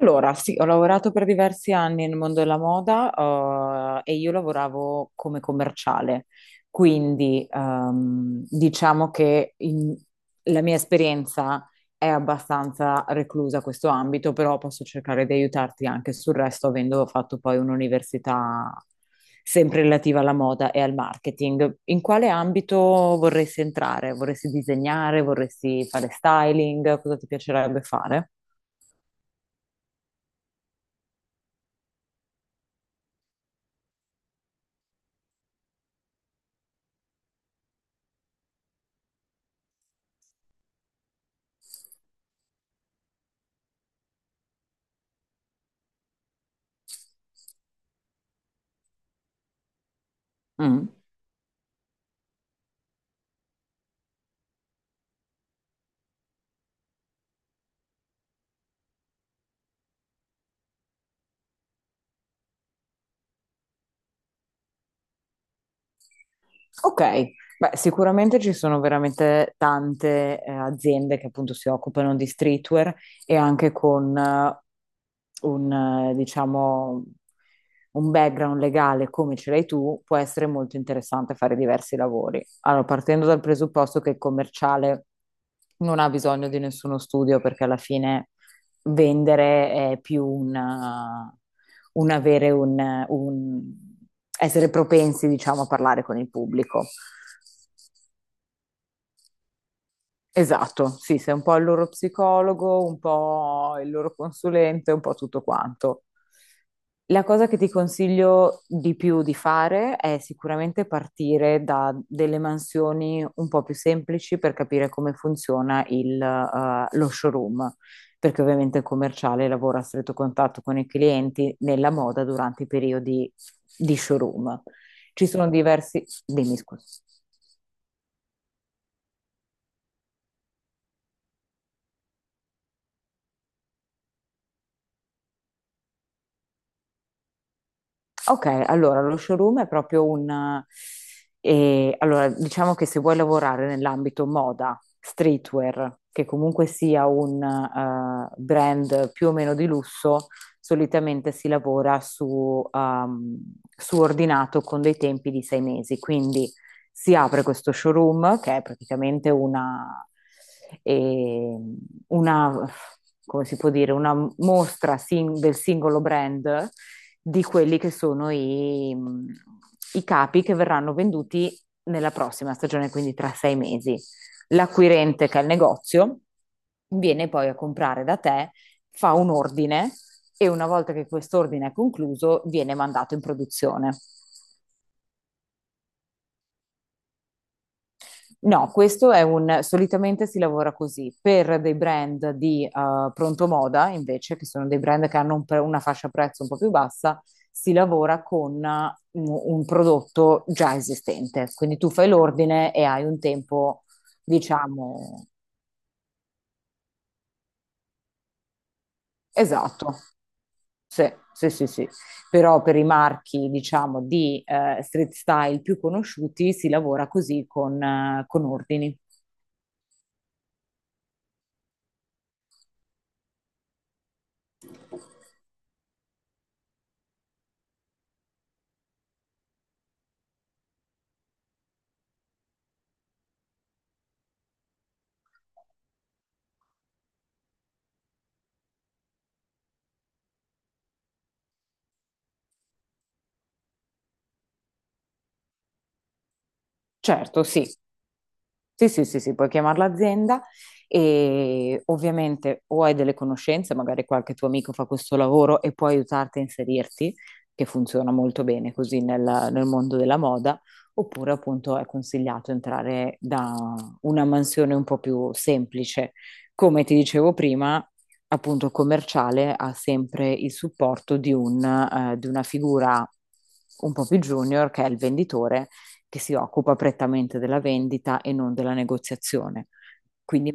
Allora, sì, ho lavorato per diversi anni nel mondo della moda, e io lavoravo come commerciale, quindi diciamo che la mia esperienza è abbastanza reclusa a questo ambito, però posso cercare di aiutarti anche sul resto, avendo fatto poi un'università sempre relativa alla moda e al marketing. In quale ambito vorresti entrare? Vorresti disegnare? Vorresti fare styling? Cosa ti piacerebbe fare? Mm. Ok, beh, sicuramente ci sono veramente tante aziende che appunto si occupano di streetwear e anche con diciamo, un background legale come ce l'hai tu, può essere molto interessante fare diversi lavori. Allora, partendo dal presupposto che il commerciale non ha bisogno di nessuno studio perché alla fine vendere è più un avere un essere propensi, diciamo, a parlare con il pubblico. Esatto, sì, sei un po' il loro psicologo, un po' il loro consulente, un po' tutto quanto. La cosa che ti consiglio di più di fare è sicuramente partire da delle mansioni un po' più semplici per capire come funziona lo showroom, perché ovviamente il commerciale lavora a stretto contatto con i clienti nella moda durante i periodi di showroom. Ci sono diversi... Dimmi, scusa. Ok, allora lo showroom è proprio un... allora, diciamo che se vuoi lavorare nell'ambito moda, streetwear, che comunque sia un brand più o meno di lusso, solitamente si lavora su ordinato con dei tempi di 6 mesi. Quindi si apre questo showroom che è praticamente eh, una, come si può dire, una mostra del singolo brand di quelli che sono i capi che verranno venduti nella prossima stagione, quindi tra 6 mesi. L'acquirente, che è il negozio, viene poi a comprare da te, fa un ordine e una volta che quest'ordine è concluso, viene mandato in produzione. No, solitamente si lavora così. Per dei brand di pronto moda, invece, che sono dei brand che hanno una fascia prezzo un po' più bassa, si lavora con un prodotto già esistente. Quindi tu fai l'ordine e hai un tempo, diciamo, esatto. Sì, sì, sì, sì. Però per i marchi, diciamo, di street style più conosciuti si lavora così con ordini. Certo, sì. Sì, sì, sì, sì, puoi chiamare l'azienda e ovviamente o hai delle conoscenze, magari qualche tuo amico fa questo lavoro e può aiutarti a inserirti, che funziona molto bene così nel mondo della moda, oppure appunto è consigliato entrare da una mansione un po' più semplice. Come ti dicevo prima, appunto commerciale ha sempre il supporto di di una figura un po' più junior che è il venditore che si occupa prettamente della vendita e non della negoziazione. Quindi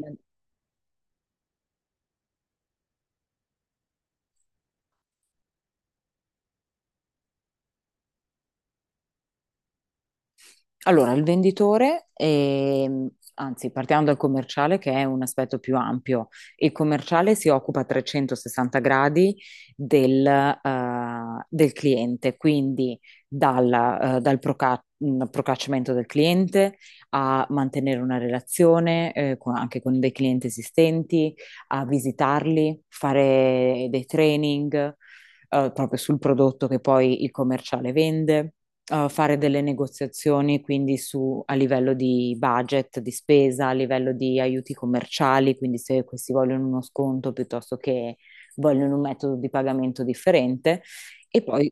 allora, il venditore, anzi, partiamo dal commerciale che è un aspetto più ampio. Il commerciale si occupa a 360 gradi del cliente, quindi dal procacciamento del cliente a mantenere una relazione, anche con dei clienti esistenti, a visitarli, fare dei training, proprio sul prodotto che poi il commerciale vende fare delle negoziazioni quindi su, a livello di budget, di spesa, a livello di aiuti commerciali, quindi se questi vogliono uno sconto piuttosto che vogliono un metodo di pagamento differente. E poi,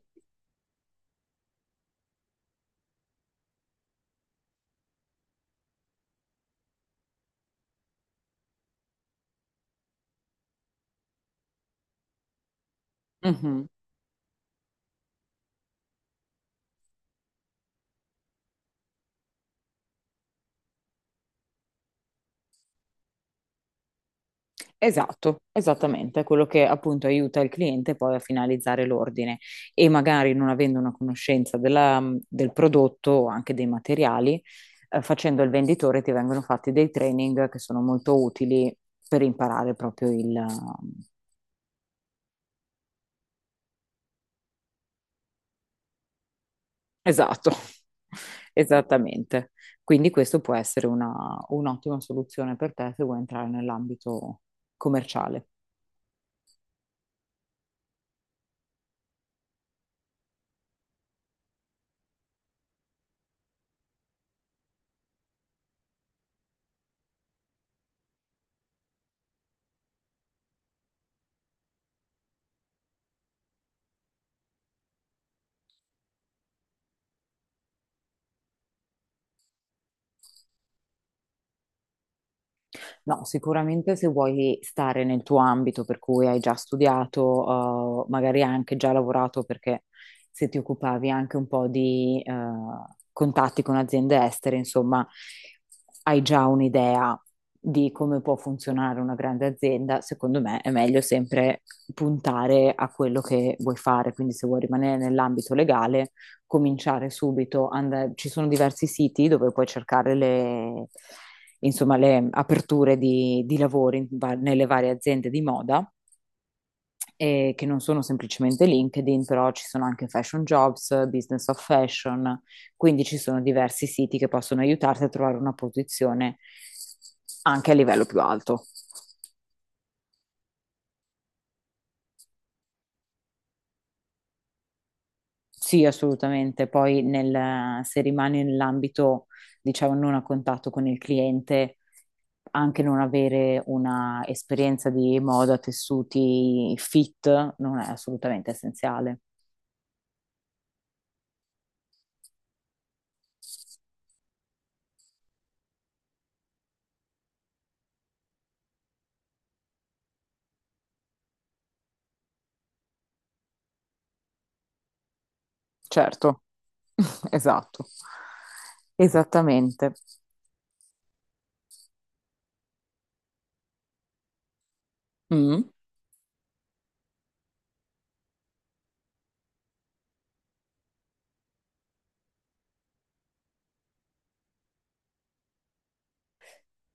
certo. Mhm. Esatto, esattamente, è quello che appunto aiuta il cliente poi a finalizzare l'ordine e magari non avendo una conoscenza del prodotto o anche dei materiali, facendo il venditore ti vengono fatti dei training che sono molto utili per imparare proprio il... esatto, esattamente. Quindi questo può essere un'ottima soluzione per te se vuoi entrare nell'ambito commerciale. No, sicuramente se vuoi stare nel tuo ambito per cui hai già studiato, magari hai anche già lavorato, perché se ti occupavi anche un po' di contatti con aziende estere, insomma, hai già un'idea di come può funzionare una grande azienda, secondo me è meglio sempre puntare a quello che vuoi fare. Quindi se vuoi rimanere nell'ambito legale, cominciare subito. Ci sono diversi siti dove puoi cercare insomma, le aperture di lavoro in nelle varie aziende di moda, che non sono semplicemente LinkedIn, però ci sono anche Fashion Jobs, Business of Fashion, quindi ci sono diversi siti che possono aiutarti a trovare una posizione anche a livello più alto. Sì, assolutamente. Poi se rimani nell'ambito, diciamo, non a contatto con il cliente, anche non avere una esperienza di moda, tessuti fit, non è assolutamente essenziale. Certo, esatto, esattamente. Mm.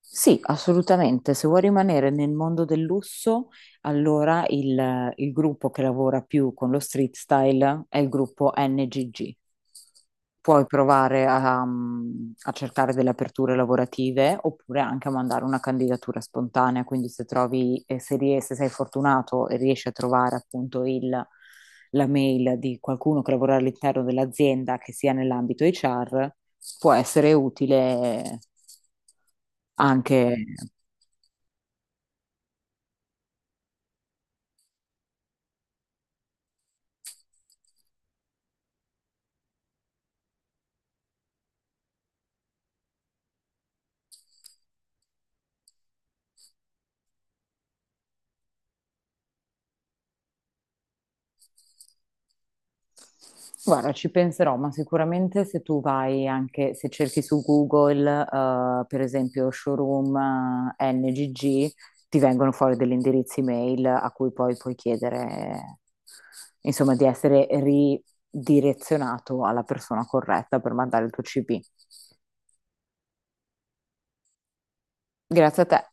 Sì, assolutamente. Se vuoi rimanere nel mondo del lusso, allora il gruppo che lavora più con lo street style è il gruppo NGG. Puoi provare a, mm, a cercare delle aperture lavorative oppure anche a mandare una candidatura spontanea. Quindi se trovi, se sei fortunato e riesci a trovare appunto la mail di qualcuno che lavora all'interno dell'azienda che sia nell'ambito HR, può essere utile anche. Guarda, ci penserò, ma sicuramente se tu vai anche, se cerchi su Google, per esempio showroom NGG, ti vengono fuori degli indirizzi mail a cui poi puoi chiedere, insomma, di essere ridirezionato alla persona corretta per mandare il tuo CV. Grazie a te.